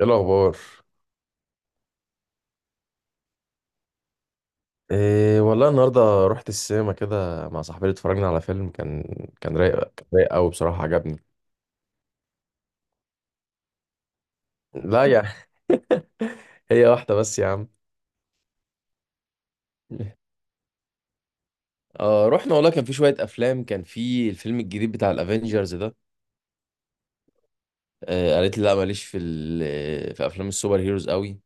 ايه الاخبار؟ إيه والله، النهارده رحت السينما كده مع صاحبتي، اتفرجنا على فيلم كان رايق، كان رايق قوي بصراحه، عجبني. لا يا هي واحده بس يا عم. رحنا والله، كان في شوية أفلام، كان في الفيلم الجديد بتاع الأفينجرز ده. قالت لي لا، ماليش في في أفلام السوبر هيروز قوي.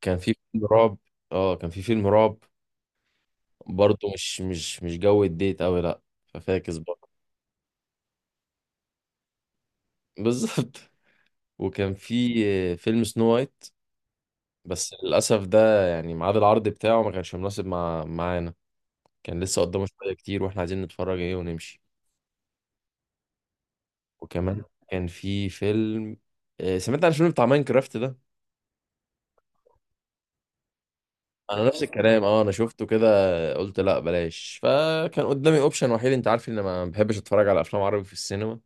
كان في فيلم رعب، كان في فيلم رعب، برضه مش جو الديت قوي، لا. ففاكس برضه. بالظبط. وكان في فيلم سنو وايت، بس للأسف ده يعني ميعاد العرض بتاعه ما كانش مناسب مع معانا، كان لسه قدامه شوية كتير واحنا عايزين نتفرج ايه ونمشي. وكمان كان في فيلم، سمعت عن الفيلم بتاع ماينكرافت ده. انا نفس الكلام، اه انا شفته كده، قلت لا بلاش. فكان قدامي اوبشن وحيد، انت عارف ان ما بحبش اتفرج على افلام عربي في السينما.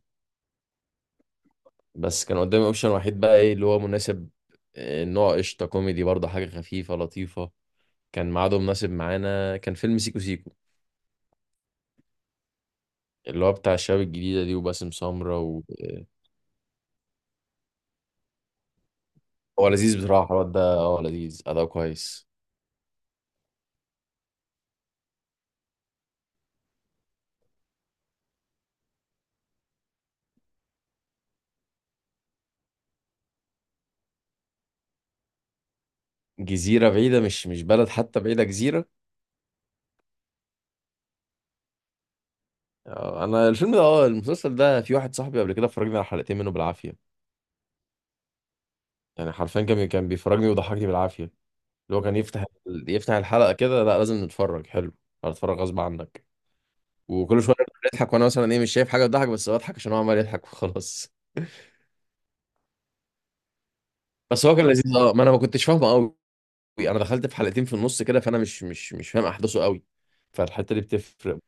بس كان قدامي اوبشن وحيد بقى، ايه اللي هو مناسب؟ نوع قشطة كوميدي، برضه حاجة خفيفة لطيفة، كان ميعاده مناسب معانا، كان فيلم سيكو سيكو اللي هو بتاع الشباب الجديدة دي وباسم سمرة. هو لذيذ بصراحة الواد ده، اه لذيذ، أداء كويس. جزيرة بعيدة، مش بلد حتى، بعيدة جزيرة. أنا الفيلم ده، اه المسلسل ده، في واحد صاحبي قبل كده فرجني على حلقتين منه بالعافية. يعني حرفيا كان بيفرجني وضحكني بالعافية. اللي هو كان يفتح، يفتح الحلقة كده: لا لازم نتفرج، حلو، هتتفرج غصب عنك. وكل شوية بيضحك وأنا مثلا إيه، مش شايف حاجة تضحك، بس بضحك عشان هو عمال يضحك وخلاص. بس هو كان لذيذ، اه. ما أنا ما كنتش فاهمه قوي، أنا دخلت في حلقتين في النص كده، فأنا مش فاهم أحداثه قوي، فالحتة دي بتفرق.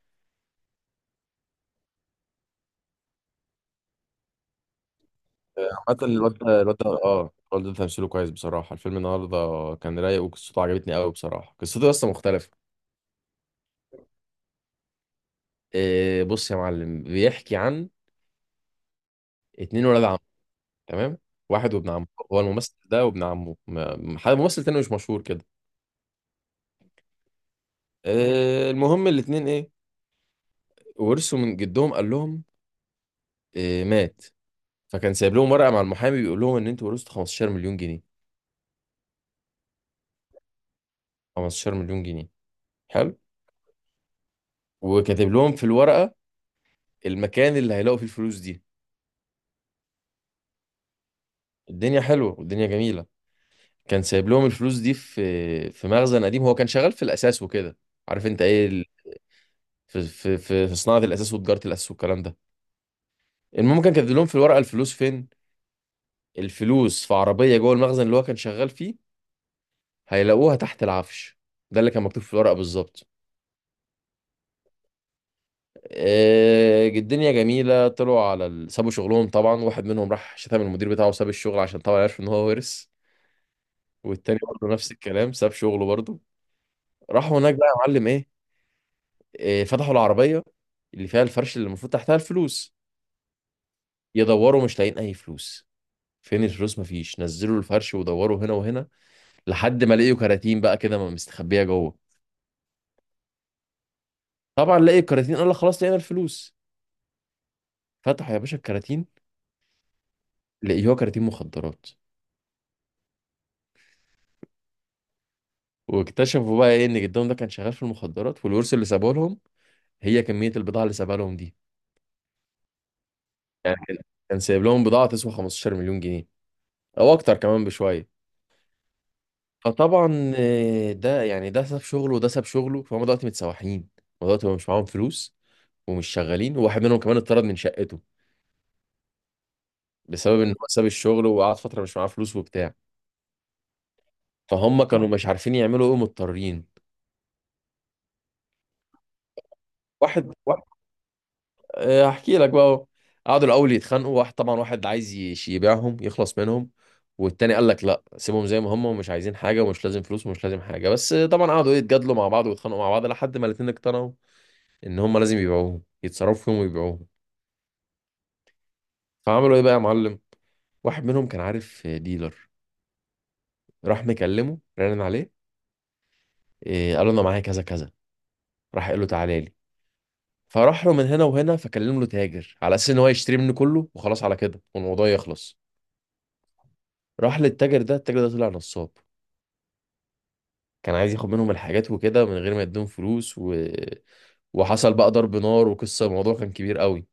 حتى الواد ده، الواد ده تمثيله كويس بصراحة. الفيلم النهاردة كان رايق وقصته عجبتني قوي بصراحة، قصته لسه مختلفة. إيه بص يا معلم، بيحكي عن اتنين ولاد عم، تمام؟ واحد وابن عمه، هو الممثل ده وابن عمه، حد ممثل تاني مش مشهور كده. إيه المهم، الاتنين ايه، ورثوا من جدهم. قال لهم إيه، مات. فكان سايب لهم ورقة مع المحامي بيقول لهم ان انتوا ورثتوا 15 مليون جنيه. 15 مليون جنيه، حلو. وكاتب لهم في الورقة المكان اللي هيلاقوا فيه الفلوس دي. الدنيا حلوة والدنيا جميلة. كان سايب لهم الفلوس دي في مخزن قديم، هو كان شغال في الاساس وكده، عارف انت ايه في في صناعه الاساس وتجاره الاساس والكلام ده. المهم كان كاتب لهم في الورقه الفلوس فين، الفلوس في عربيه جوه المخزن اللي هو كان شغال فيه، هيلاقوها تحت العفش، ده اللي كان مكتوب في الورقه بالظبط. الدنيا جميله، طلعوا على سابوا شغلهم طبعا، واحد منهم راح شتم المدير بتاعه وساب الشغل عشان طبعا عرف ان هو ورث. والتاني برضه نفس الكلام، ساب شغله برضه. راحوا هناك بقى يا معلم ايه، فتحوا العربية اللي فيها الفرش اللي المفروض تحتها الفلوس. يدوروا، مش لاقيين أي فلوس. فين الفلوس؟ مفيش. نزلوا الفرش ودوروا هنا وهنا، لحد ما لقيوا كراتين بقى كده مستخبية جوه. طبعا لقي الكراتين قال لك خلاص لقينا الفلوس. فتحوا يا باشا الكراتين، لقيوها كراتين مخدرات. واكتشفوا بقى ايه ان جدهم ده كان شغال في المخدرات، والورث اللي سابوه لهم هي كمية البضاعة اللي سابها لهم دي. يعني كان سايب لهم بضاعة تسوى 15 مليون جنيه، او اكتر كمان بشوية. فطبعا ده يعني ده ساب شغله وده ساب شغله، فهم دلوقتي متسوحين، هم دلوقتي مش معاهم فلوس ومش شغالين، وواحد منهم كمان اتطرد من شقته بسبب ان هو ساب الشغل وقعد فتره مش معاه فلوس وبتاع. فهم كانوا مش عارفين يعملوا ايه، مضطرين. واحد واحد، هحكي لك بقى أهو. قعدوا الاول يتخانقوا، واحد طبعا واحد عايز يبيعهم يخلص منهم، والتاني قال لك لا سيبهم زي ما هم، ومش عايزين حاجه ومش لازم فلوس ومش لازم حاجه. بس طبعا قعدوا يتجادلوا مع بعض ويتخانقوا مع بعض، لحد ما الاتنين اقتنعوا ان هم لازم يبيعوهم، يتصرفوا فيهم ويبيعوهم. فعملوا ايه بقى يا معلم، واحد منهم كان عارف ديلر، راح مكلمه، رن عليه، إيه قال له انا معايا كذا كذا، راح قال له تعالى لي. فراح له من هنا وهنا، فكلم له تاجر على اساس ان هو يشتري منه كله وخلاص على كده والموضوع يخلص. راح للتاجر ده، التاجر ده طلع نصاب، كان عايز ياخد منهم الحاجات وكده من غير ما يديهم فلوس وحصل بقى ضرب نار وقصه، الموضوع كان كبير قوي.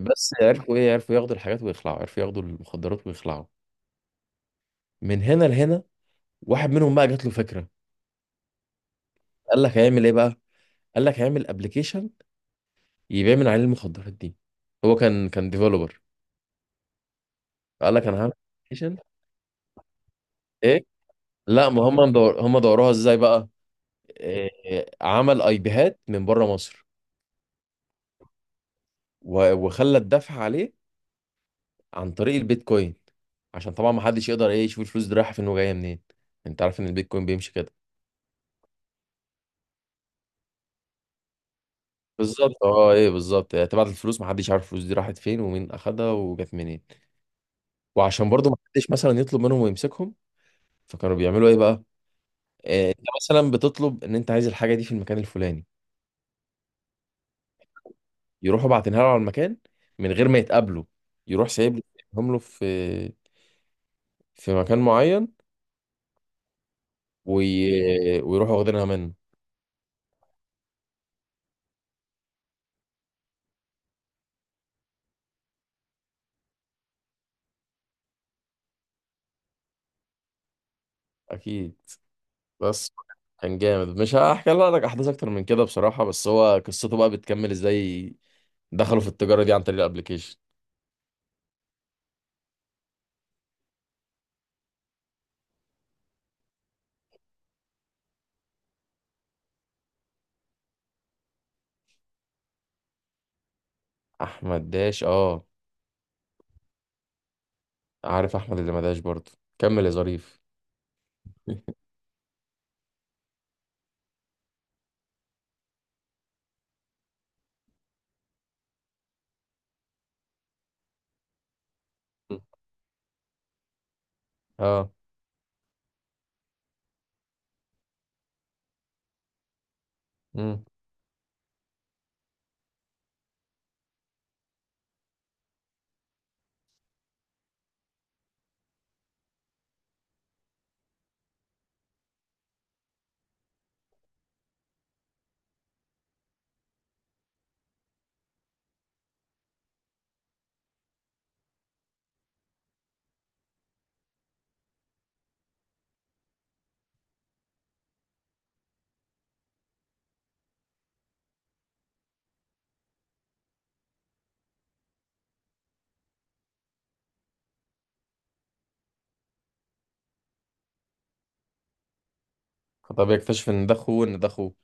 بس عرفوا ايه، عرفوا ياخدوا الحاجات ويخلعوا، عرفوا ياخدوا المخدرات ويخلعوا من هنا لهنا. واحد منهم بقى جات له فكره، قال لك هيعمل ايه بقى؟ قال لك هيعمل ابلكيشن يبيع من عليه المخدرات دي. هو كان ديفلوبر، فقال لك انا هعمل ابلكيشن. ايه لا، ما هم مدور، هم دوروها ازاي بقى، إيه عمل اي بيهات من بره مصر وخلى الدفع عليه عن طريق البيتكوين عشان طبعا ما حدش يقدر ايه يشوف الفلوس دي رايحه فين وجايه منين. انت عارف ان البيتكوين بيمشي كده. بالظبط، اه، ايه بالظبط، يعني تبعت الفلوس ما حدش عارف الفلوس دي راحت فين ومين اخدها وجت منين. وعشان برضو ما حدش مثلا يطلب منهم ويمسكهم، فكانوا بيعملوا ايه بقى، انت مثلا بتطلب ان انت عايز الحاجه دي في المكان الفلاني، يروحوا باعتينها له على المكان من غير ما يتقابلوا، يروح سايبهم له في مكان معين، وي... ويروحوا واخدينها منه. اكيد. بس كان جامد، مش هحكي لك احداث اكتر من كده بصراحه، بس هو قصته بقى بتكمل ازاي، دخلوا في التجاره دي عن طريق الابليكيشن. احمد داش، اه. عارف احمد اللي ما داش برضه. كمل يا ظريف. اه. مم. طب يكتشف ان ده اخوه، ان ده اخوه.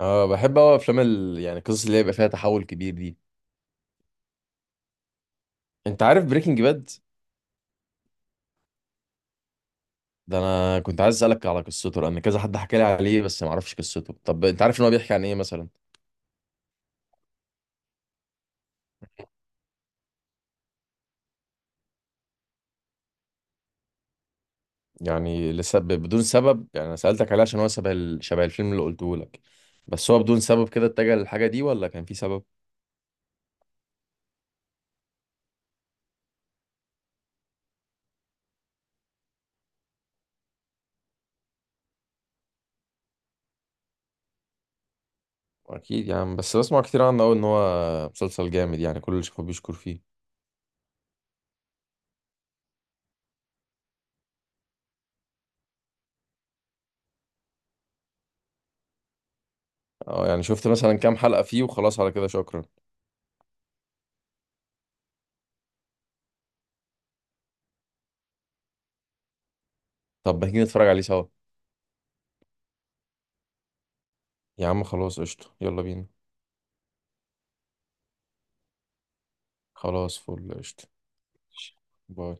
اه، بحب اوي افلام يعني القصص اللي يبقى فيها تحول كبير دي. انت عارف بريكنج باد؟ ده انا كنت عايز اسالك على قصته، لان كذا حد حكى لي عليه بس ما اعرفش قصته. طب انت عارف ان هو بيحكي عن ايه مثلا؟ يعني لسبب بدون سبب، يعني انا سالتك عليه عشان هو شبه شبه الفيلم اللي قلته لك. بس هو بدون سبب كده اتجه للحاجه دي، ولا كان في سبب؟ اكيد يعني، بس بسمع كتير عنه قوي ان هو مسلسل جامد يعني، كل اللي شافه بيشكر فيه. اه، يعني شفت مثلا كام حلقه فيه وخلاص على كده شكرا. طب ما تيجي نتفرج عليه سوا؟ يا عم خلاص قشطه، يلا بينا. خلاص فل قشطة، باي.